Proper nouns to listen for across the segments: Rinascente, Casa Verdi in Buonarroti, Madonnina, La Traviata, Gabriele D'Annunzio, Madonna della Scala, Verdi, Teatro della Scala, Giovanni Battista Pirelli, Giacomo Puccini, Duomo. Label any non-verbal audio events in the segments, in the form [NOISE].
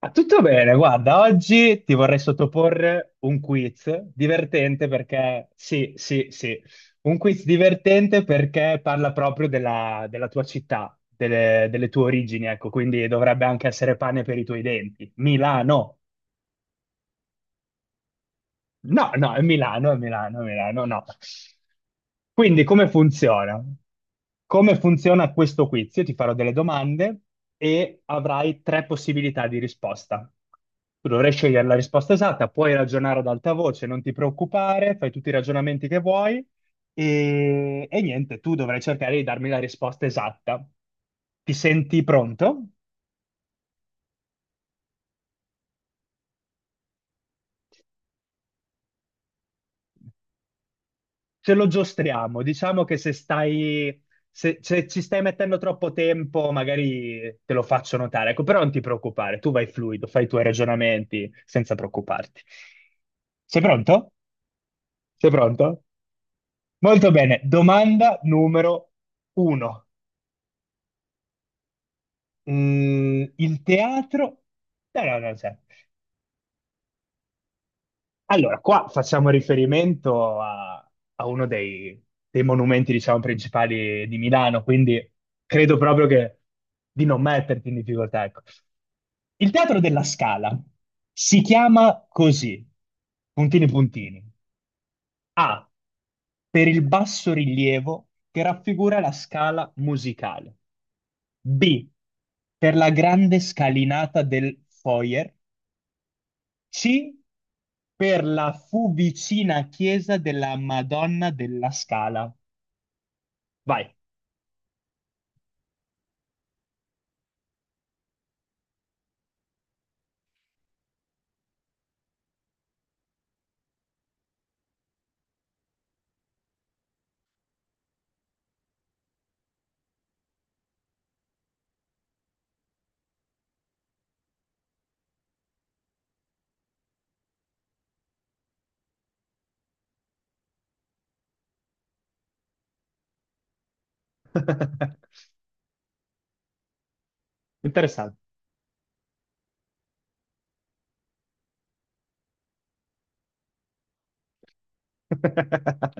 Ah, tutto bene, guarda, oggi ti vorrei sottoporre un quiz divertente perché, sì, sì, sì, un quiz divertente perché parla proprio della tua città, delle tue origini, ecco, quindi dovrebbe anche essere pane per i tuoi denti. Milano! No, no, è Milano, è Milano, è Milano, no. Quindi come funziona? Come funziona questo quiz? Io ti farò delle domande e avrai tre possibilità di risposta. Tu dovrai scegliere la risposta esatta, puoi ragionare ad alta voce, non ti preoccupare, fai tutti i ragionamenti che vuoi e niente, tu dovrai cercare di darmi la risposta esatta. Ti senti pronto? Ce lo giostriamo. Diciamo che se ci stai mettendo troppo tempo, magari te lo faccio notare. Ecco, però non ti preoccupare, tu vai fluido, fai i tuoi ragionamenti senza preoccuparti. Sei pronto? Sei pronto? Molto bene. Domanda numero uno. Il teatro... No, no, no, c'è. Allora, qua facciamo riferimento a uno dei monumenti, diciamo, principali di Milano, quindi credo proprio che di non metterti in difficoltà, ecco. Il Teatro della Scala si chiama così, puntini puntini. A, per il basso rilievo che raffigura la scala musicale. B, per la grande scalinata del foyer. C, per la fu vicina chiesa della Madonna della Scala. Vai. [LAUGHS] Interessante. [LAUGHS]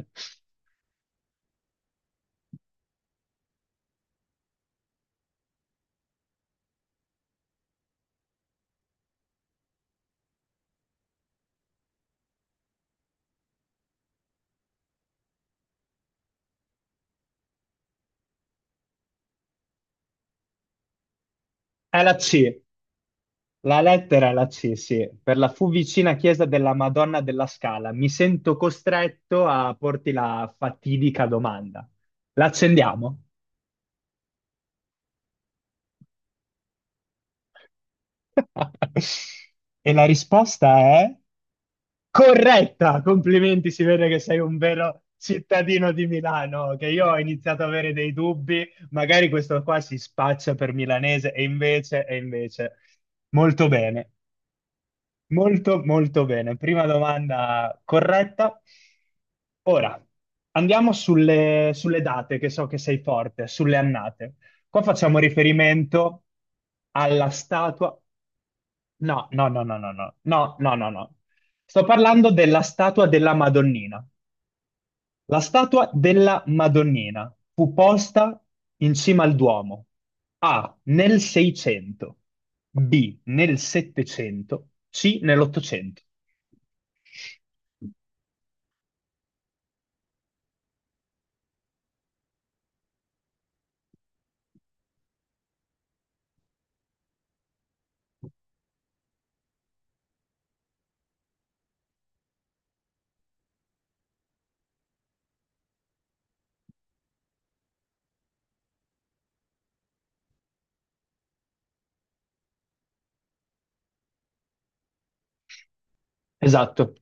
È la C. La lettera è la C, sì. Per la fu vicina chiesa della Madonna della Scala. Mi sento costretto a porti la fatidica domanda. L'accendiamo? [LAUGHS] E la risposta è... corretta, complimenti, si vede che sei un vero cittadino di Milano, che io ho iniziato ad avere dei dubbi, magari questo qua si spaccia per milanese e invece, e invece. Molto bene, molto molto bene. Prima domanda corretta. Ora, andiamo sulle date, che so che sei forte, sulle annate. Qua facciamo riferimento alla statua. No, no, no, no, no, no, no, no, no, no. Sto parlando della statua della Madonnina. La statua della Madonnina fu posta in cima al Duomo. A, nel 600, B, nel 700, C, nell'Ottocento. Esatto,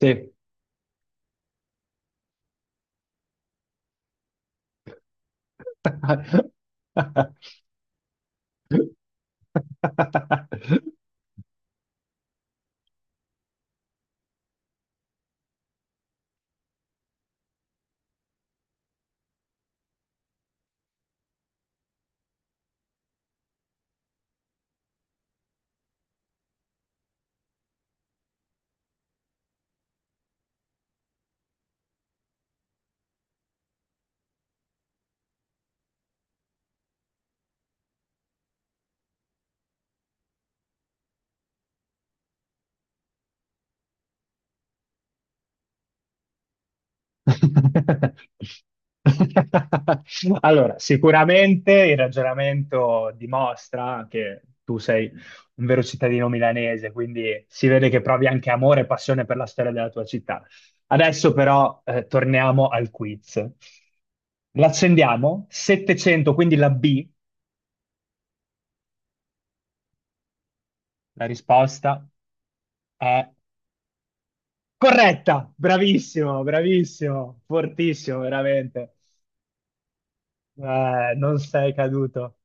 sì. [LAUGHS] [LAUGHS] Allora, sicuramente il ragionamento dimostra che tu sei un vero cittadino milanese, quindi si vede che provi anche amore e passione per la storia della tua città. Adesso però torniamo al quiz. L'accendiamo? 700, quindi la B, la risposta è corretta. Bravissimo, bravissimo, fortissimo, veramente. Non sei caduto.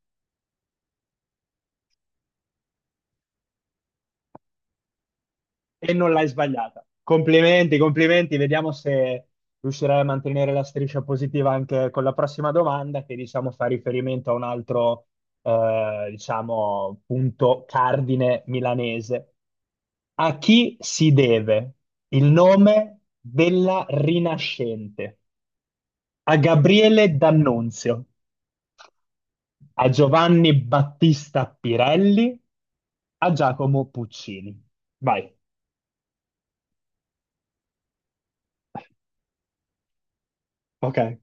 E non l'hai sbagliata. Complimenti, complimenti. Vediamo se riuscirai a mantenere la striscia positiva anche con la prossima domanda, che diciamo fa riferimento a un altro, diciamo, punto cardine milanese. A chi si deve il nome della Rinascente? A Gabriele D'Annunzio, a Giovanni Battista Pirelli, a Giacomo Puccini. Vai. Ok.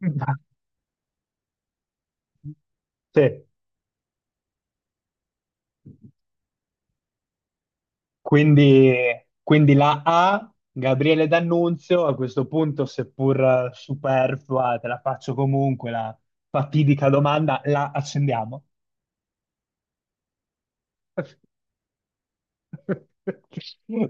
[LAUGHS] Sì. Quindi, quindi la A, Gabriele D'Annunzio, a questo punto, seppur superflua, te la faccio comunque la fatidica domanda, la accendiamo.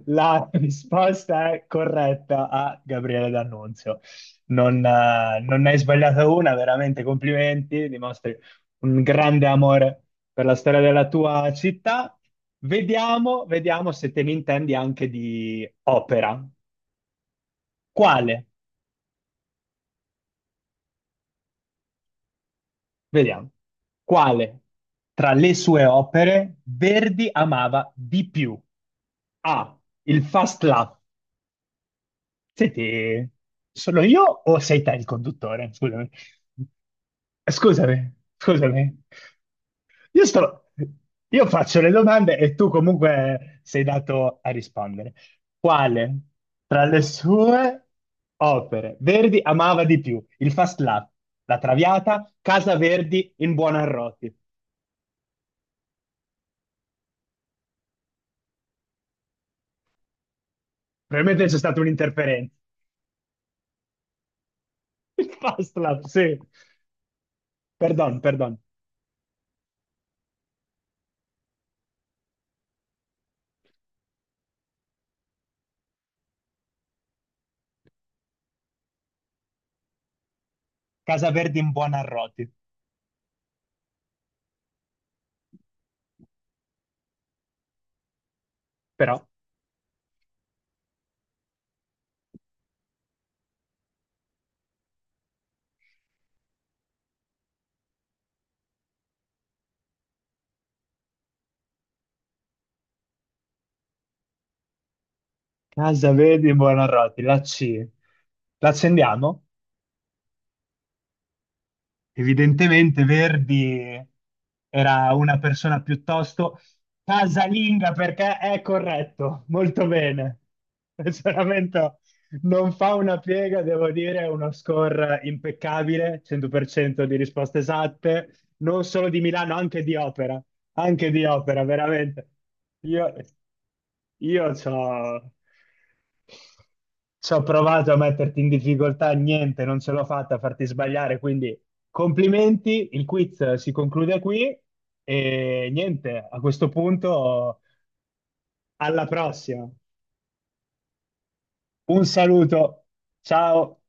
La risposta è corretta, a Gabriele D'Annunzio. Non ne hai sbagliata una, veramente complimenti, dimostri un grande amore per la storia della tua città. Vediamo, vediamo se te ne intendi anche di opera. Quale? Vediamo. Quale tra le sue opere Verdi amava di più? A, il Fast Lap. Senti, sono io o sei te il conduttore? Scusami. Scusami, scusami. Io sto, io faccio le domande e tu comunque sei dato a rispondere. Quale tra le sue opere Verdi amava di più? Il Fast Lap, La Traviata, Casa Verdi in Buonarroti. Probabilmente c'è stata un'interferenza. [LAUGHS] Il Fast Lap, sì. Perdon, perdon. Casa Verdi in Buonarroti. Però Casa Verde di Buonarroti, la C. L'accendiamo? Evidentemente Verdi era una persona piuttosto casalinga perché è corretto, molto bene. Pensionamento non fa una piega, devo dire, è uno score impeccabile, 100% di risposte esatte, non solo di Milano, anche di opera, veramente. Io, io c'ho... Ci ho provato a metterti in difficoltà, niente, non ce l'ho fatta a farti sbagliare, quindi complimenti, il quiz si conclude qui e niente, a questo punto alla prossima. Un saluto, ciao.